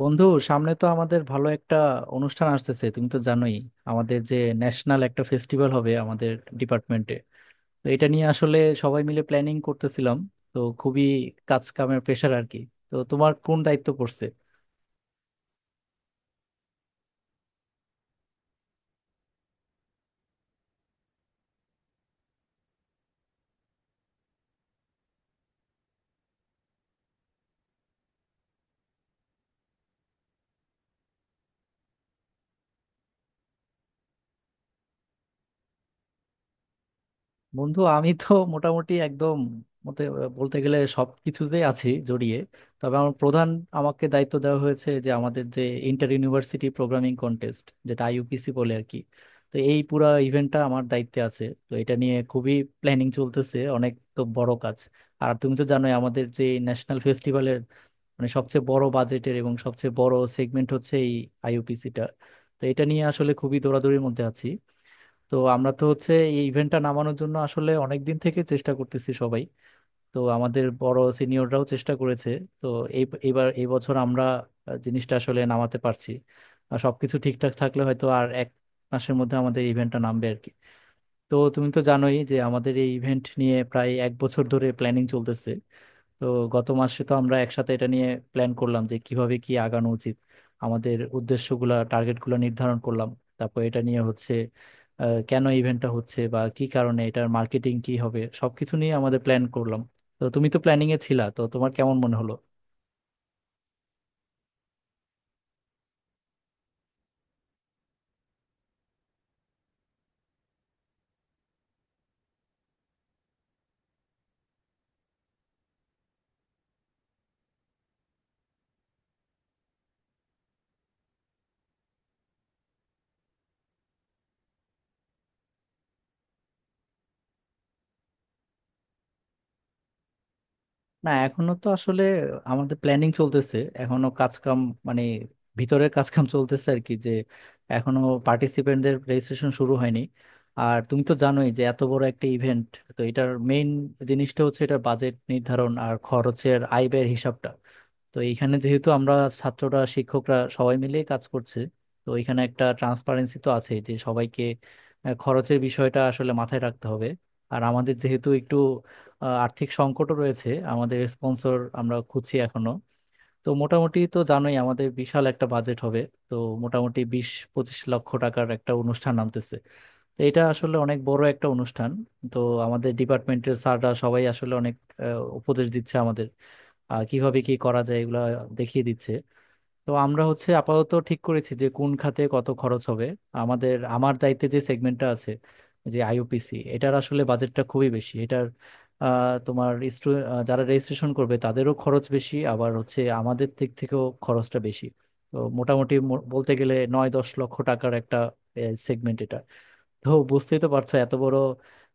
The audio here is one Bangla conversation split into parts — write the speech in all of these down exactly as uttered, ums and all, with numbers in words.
বন্ধু, সামনে তো আমাদের ভালো একটা অনুষ্ঠান আসতেছে। তুমি তো জানোই আমাদের যে ন্যাশনাল একটা ফেস্টিভ্যাল হবে আমাদের ডিপার্টমেন্টে। তো এটা নিয়ে আসলে সবাই মিলে প্ল্যানিং করতেছিলাম। তো খুবই কাজ কামের প্রেশার আর কি। তো তোমার কোন দায়িত্ব পড়ছে? বন্ধু, আমি তো মোটামুটি একদম মতে বলতে গেলে সব কিছুতেই আছি জড়িয়ে। তবে আমার প্রধান আমাকে দায়িত্ব দেওয়া হয়েছে যে আমাদের যে ইন্টার ইউনিভার্সিটি প্রোগ্রামিং কন্টেস্ট, যেটা আইইউপিসি বলে আর কি, তো এই পুরা ইভেন্টটা আমার দায়িত্বে আছে। তো এটা নিয়ে খুবই প্ল্যানিং চলতেছে, অনেক তো বড় কাজ। আর তুমি তো জানোই আমাদের যে ন্যাশনাল ফেস্টিভ্যালের মানে সবচেয়ে বড় বাজেটের এবং সবচেয়ে বড় সেগমেন্ট হচ্ছে এই আইইউপিসিটা। তো এটা নিয়ে আসলে খুবই দৌড়াদৌড়ির মধ্যে আছি। তো আমরা তো হচ্ছে এই ইভেন্টটা নামানোর জন্য আসলে অনেক দিন থেকে চেষ্টা করতেছি সবাই। তো আমাদের বড় সিনিয়ররাও চেষ্টা করেছে। তো এই এবার এই বছর আমরা আহ, জিনিসটা আসলে নামাতে পারছি। আর সবকিছু ঠিকঠাক থাকলে হয়তো আর এক মাসের মধ্যে আমাদের ইভেন্টটা নামবে আর কি। তো তুমি তো জানোই যে আমাদের এই ইভেন্ট নিয়ে প্রায় এক বছর ধরে প্ল্যানিং চলতেছে। তো গত মাসে তো আমরা একসাথে এটা নিয়ে প্ল্যান করলাম যে কিভাবে কি আগানো উচিত, আমাদের উদ্দেশ্যগুলা টার্গেটগুলো নির্ধারণ করলাম। তারপর এটা নিয়ে হচ্ছে আহ, কেন ইভেন্টটা হচ্ছে বা কি কারণে, এটার মার্কেটিং কি হবে সবকিছু নিয়ে আমাদের প্ল্যান করলাম। তো তুমি তো প্ল্যানিং এ ছিলা, তো তোমার কেমন মনে হলো? না, এখনো তো আসলে আমাদের প্ল্যানিং চলতেছে। এখনো কাজ কাম মানে ভিতরের কাজ কাম চলতেছে আর কি, যে এখনো পার্টিসিপেন্টদের রেজিস্ট্রেশন শুরু হয়নি। আর তুমি তো জানোই যে এত বড় একটা ইভেন্ট, তো এটার মেইন জিনিসটা হচ্ছে এটার বাজেট নির্ধারণ আর খরচের আয় ব্যয়ের হিসাবটা। তো এইখানে যেহেতু আমরা ছাত্ররা শিক্ষকরা সবাই মিলে কাজ করছে, তো এখানে একটা ট্রান্সপারেন্সি তো আছে যে সবাইকে আহ, খরচের বিষয়টা আসলে মাথায় রাখতে হবে। আর আমাদের যেহেতু একটু আহ, আর্থিক সংকটও রয়েছে, আমাদের স্পন্সর আমরা খুঁজছি এখনো। তো মোটামুটি তো জানোই আমাদের বিশাল একটা বাজেট হবে। তো মোটামুটি বিশ পঁচিশ লক্ষ টাকার একটা অনুষ্ঠান নামতেছে। তো এটা আসলে অনেক বড় একটা অনুষ্ঠান। তো আমাদের ডিপার্টমেন্টের স্যাররা সবাই আসলে অনেক আহ, উপদেশ দিচ্ছে আমাদের, আহ, কিভাবে কি করা যায় এগুলা দেখিয়ে দিচ্ছে। তো আমরা হচ্ছে আপাতত ঠিক করেছি যে কোন খাতে কত খরচ হবে। আমাদের আমার দায়িত্বে যে সেগমেন্টটা আছে, যে আইইউপিসি, এটার আসলে বাজেটটা খুবই বেশি এটার। আহ, তোমার স্টু আহ, যারা রেজিস্ট্রেশন করবে তাদেরও খরচ বেশি, আবার হচ্ছে আমাদের দিক থেকেও খরচটা বেশি। তো মোটামুটি মো- বলতে গেলে নয় দশ লক্ষ টাকার একটা সেগমেন্ট এটা। তো বুঝতেই তো পারছো এত বড়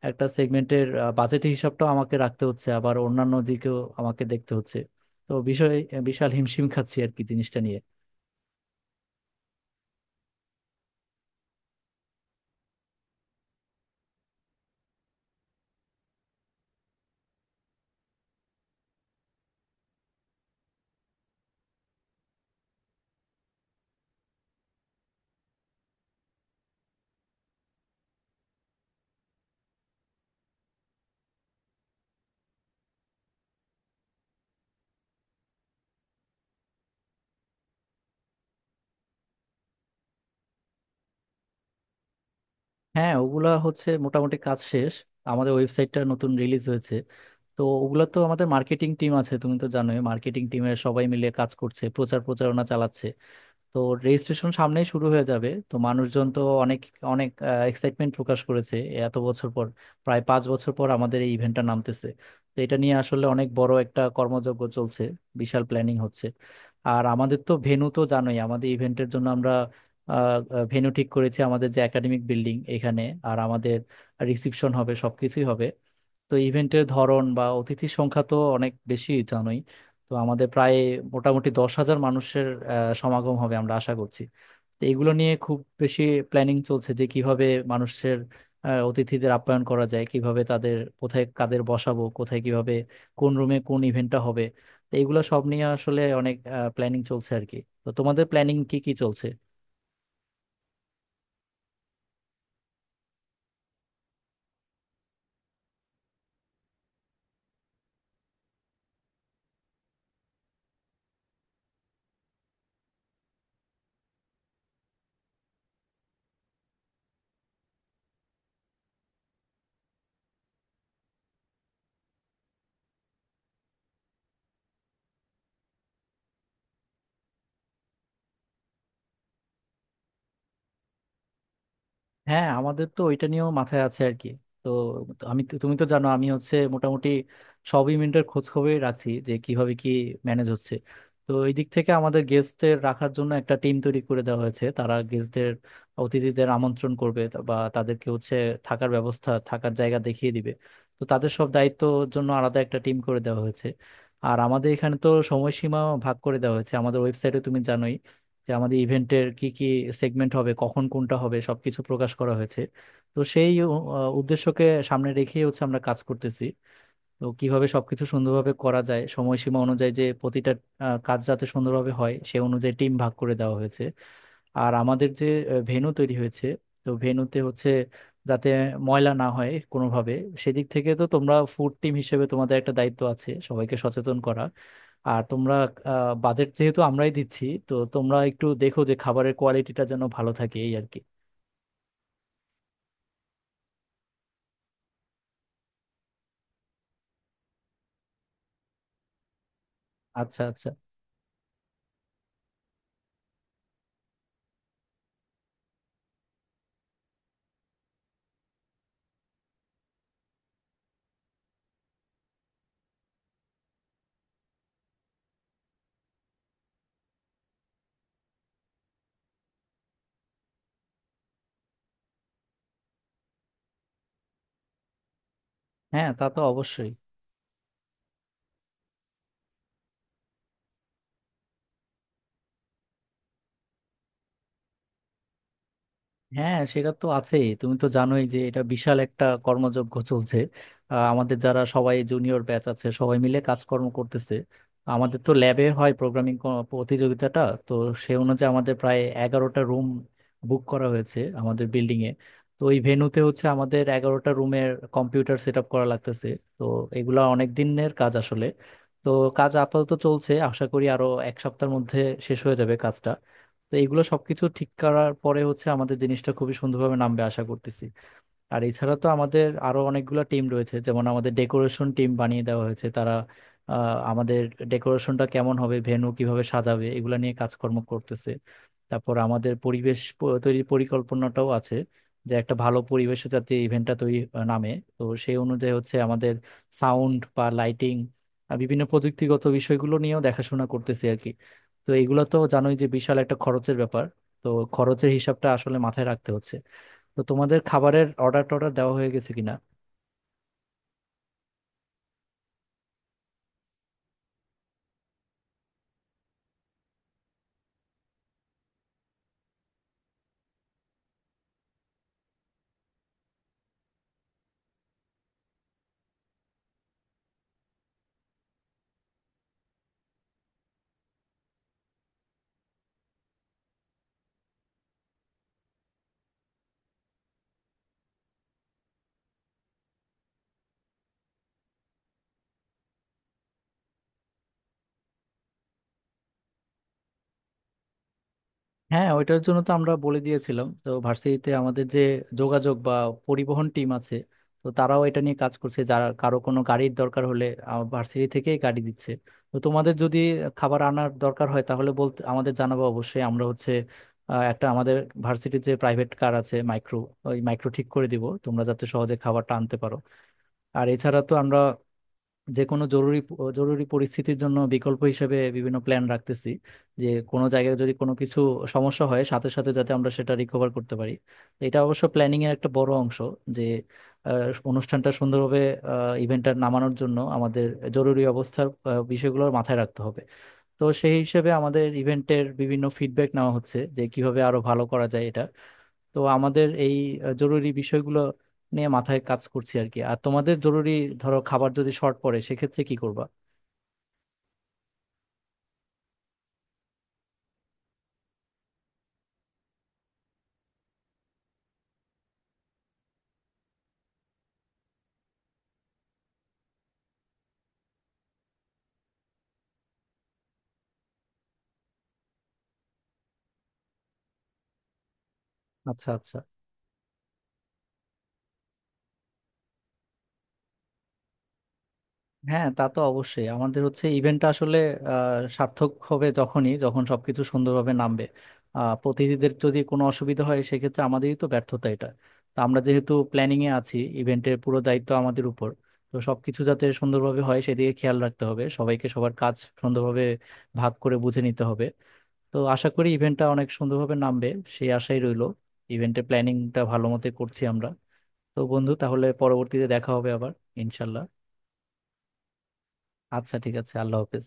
একটা সেগমেন্টের বাজেট হিসাবটাও আমাকে রাখতে হচ্ছে, আবার অন্যান্য দিকেও আমাকে দেখতে হচ্ছে। তো বিষয় বিশাল হিমশিম খাচ্ছি আর কি জিনিসটা নিয়ে। হ্যাঁ, ওগুলা হচ্ছে মোটামুটি কাজ শেষ। আমাদের ওয়েবসাইটটা নতুন রিলিজ হয়েছে। তো ওগুলা তো আমাদের মার্কেটিং টিম আছে, তুমি তো জানোই, মার্কেটিং টিমের সবাই মিলে কাজ করছে, প্রচার প্রচারণা চালাচ্ছে। তো রেজিস্ট্রেশন সামনেই শুরু হয়ে যাবে। তো মানুষজন তো অনেক অনেক এক্সাইটমেন্ট প্রকাশ করেছে। এত বছর পর, প্রায় পাঁচ বছর পর আমাদের এই ইভেন্টটা নামতেছে। তো এটা নিয়ে আসলে অনেক বড় একটা কর্মযজ্ঞ চলছে, বিশাল প্ল্যানিং হচ্ছে। আর আমাদের তো ভেন্যু তো জানোই আমাদের ইভেন্টের জন্য আমরা ভেন্যু ঠিক করেছি, আমাদের যে একাডেমিক বিল্ডিং এখানে। আর আমাদের রিসিপশন হবে, সবকিছুই হবে। তো ইভেন্টের ধরন বা অতিথির সংখ্যা তো অনেক বেশি জানোই। তো আমাদের প্রায় মোটামুটি দশ হাজার মানুষের আহ, সমাগম হবে আমরা আশা করছি। তো এগুলো নিয়ে খুব বেশি প্ল্যানিং চলছে যে কিভাবে মানুষের আহ, অতিথিদের আপ্যায়ন করা যায়, কিভাবে তাদের কোথায়, কাদের বসাবো কোথায়, কিভাবে কোন রুমে কোন ইভেন্টটা হবে। তো এগুলো সব নিয়ে আসলে অনেক প্ল্যানিং চলছে আর কি। তো তোমাদের প্ল্যানিং কি কি চলছে? হ্যাঁ, আমাদের তো ওইটা নিয়েও মাথায় আছে আর কি। তো তো আমি তো- তুমি তো জানো আমি হচ্ছে মোটামুটি সব ইভেন্টের খোঁজ খবরই রাখছি যে কিভাবে কি ম্যানেজ হচ্ছে। তো এই দিক থেকে আমাদের গেস্টদের রাখার জন্য একটা টিম তৈরি করে দেওয়া হয়েছে। তারা গেস্টদের অতিথিদের আমন্ত্রণ করবে তা- বা তাদেরকে হচ্ছে থাকার ব্যবস্থা, থাকার জায়গা দেখিয়ে দিবে। তো তাদের সব দায়িত্বর জন্য আলাদা একটা টিম করে দেওয়া হয়েছে। আর আমাদের এখানে তো সময়সীমা ভাগ করে দেওয়া হয়েছে আমাদের ওয়েবসাইটে, তুমি জানোই, যে আমাদের ইভেন্টের কি কি সেগমেন্ট হবে, কখন কোনটা হবে, সবকিছু প্রকাশ করা হয়েছে। তো সেই আহ, উদ্দেশ্যকে সামনে রেখে হচ্ছে আমরা কাজ করতেছি। তো কিভাবে সবকিছু সুন্দরভাবে করা যায়, সময়সীমা অনুযায়ী যে প্রতিটা আহ, কাজ যাতে সুন্দরভাবে হয় সে অনুযায়ী টিম ভাগ করে দেওয়া হয়েছে। আর আমাদের যে ভেনু তৈরি হয়েছে, তো ভেনুতে হচ্ছে যাতে ময়লা না হয় কোনোভাবে। সেদিক থেকে তো তোমরা ফুড টিম হিসেবে তোমাদের একটা দায়িত্ব আছে সবাইকে সচেতন করা। আর তোমরা বাজেট যেহেতু আমরাই দিচ্ছি, তো তোমরা একটু দেখো যে খাবারের কোয়ালিটিটা যেন ভালো থাকে, এই আর কি। আচ্ছা আচ্ছা। হ্যাঁ, তা তো অবশ্যই। হ্যাঁ, সেটা তো আছেই। তুমি তো জানোই যে এটা বিশাল একটা কর্মযজ্ঞ চলছে। আহ, আমাদের যারা সবাই জুনিয়র ব্যাচ আছে সবাই মিলে কাজকর্ম করতেছে। আমাদের তো ল্যাবে হয় প্রোগ্রামিং প্রতিযোগিতাটা। তো সে অনুযায়ী আমাদের প্রায় এগারোটা রুম বুক করা হয়েছে আমাদের বিল্ডিং এ। তো ওই ভেন্যুতে হচ্ছে আমাদের এগারোটা রুমের কম্পিউটার সেট আপ করা লাগতেছে। তো এগুলা অনেক দিনের কাজ আসলে। তো কাজ আপাতত চলছে, আশা করি আরো এক সপ্তাহের মধ্যে শেষ হয়ে যাবে কাজটা। তো এগুলো সবকিছু ঠিক করার পরে হচ্ছে আমাদের জিনিসটা খুবই সুন্দরভাবে নামবে আশা করতেছি। আর এছাড়া তো আমাদের আরো অনেকগুলো টিম রয়েছে, যেমন আমাদের ডেকোরেশন টিম বানিয়ে দেওয়া হয়েছে। তারা আহ, আমাদের ডেকোরেশনটা কেমন হবে, ভেন্যু কিভাবে সাজাবে এগুলা নিয়ে কাজকর্ম করতেছে। তারপর আমাদের পরিবেশ প- তৈরির পরিকল্পনাটাও আছে যে একটা ভালো পরিবেশে যাতে ইভেন্টটা তৈরি আহ, নামে। তো সেই অনুযায়ী হচ্ছে আমাদের সাউন্ড বা লাইটিং, বিভিন্ন প্রযুক্তিগত বিষয়গুলো নিয়েও দেখাশোনা করতেছি আর কি। তো এগুলো তো জানোই যে বিশাল একটা খরচের ব্যাপার। তো খরচের হিসাবটা আসলে মাথায় রাখতে হচ্ছে। তো তোমাদের খাবারের অর্ডার টর্ডার দেওয়া হয়ে গেছে কিনা? হ্যাঁ, ওইটার জন্য তো আমরা বলে দিয়েছিলাম তো ভার্সিটিতে আমাদের যে যোগাযোগ বা পরিবহন টিম আছে। তো তারাও এটা নিয়ে কাজ করছে, যারা কারো কোনো গাড়ির দরকার হলে ভার্সিটি থেকেই গাড়ি দিচ্ছে। তো তোমাদের যদি খাবার আনার দরকার হয় তাহলে বলতে আমাদের জানাবো, অবশ্যই আমরা হচ্ছে আহ, একটা আমাদের ভার্সিটির যে প্রাইভেট কার আছে মাইক্রো, ওই মাইক্রো ঠিক করে দিব তোমরা যাতে সহজে খাবারটা আনতে পারো। আর এছাড়া তো আমরা যে কোনো জরুরি প- জরুরি পরিস্থিতির জন্য বিকল্প হিসেবে বিভিন্ন প্ল্যান রাখতেছি, যে কোনো জায়গায় যদি কোনো কিছু সমস্যা হয় সাথে সাথে যাতে আমরা সেটা রিকভার করতে পারি। তো এটা অবশ্য প্ল্যানিং এর একটা বড় অংশ যে আহ, অনুষ্ঠানটা সুন্দরভাবে ইভেন্টটা নামানোর জন্য আমাদের জরুরি অবস্থার আহ, বিষয়গুলো মাথায় রাখতে হবে। তো সেই হিসেবে আমাদের ইভেন্টের বিভিন্ন ফিডব্যাক নেওয়া হচ্ছে যে কিভাবে আরো ভালো করা যায় এটা। তো আমাদের এই আহ, জরুরি বিষয়গুলো নিয়ে মাথায় কাজ করছি আর কি। আর তোমাদের জরুরি, ধরো খাবার যদি শর্ট পড়ে সেক্ষেত্রে কি করবা? আচ্ছা আচ্ছা। হ্যাঁ, তা তো অবশ্যই। আমাদের হচ্ছে ইভেন্টটা আসলে আহ, সার্থক হবে যখনই, যখন সবকিছু সুন্দরভাবে নামবে। আহ, প্রতিনিধিদের যদি কোনো অসুবিধা হয় সেক্ষেত্রে আমাদেরই তো ব্যর্থতা এটা। তো আমরা যেহেতু প্ল্যানিং এ আছি, ইভেন্টের পুরো দায়িত্ব আমাদের উপর। তো সবকিছু যাতে সুন্দরভাবে হয় সেদিকে খেয়াল রাখতে হবে সবাইকে, সবার কাজ সুন্দরভাবে ভাগ করে বুঝে নিতে হবে। তো আশা করি ইভেন্টটা অনেক সুন্দরভাবে নামবে, সেই আশাই রইলো। ইভেন্টের প্ল্যানিংটা ভালো মতো করছি আমরা। তো বন্ধু, তাহলে পরবর্তীতে দেখা হবে আবার। ইনশাল্লাহ। আচ্ছা, ঠিক আছে, আল্লাহ হাফেজ।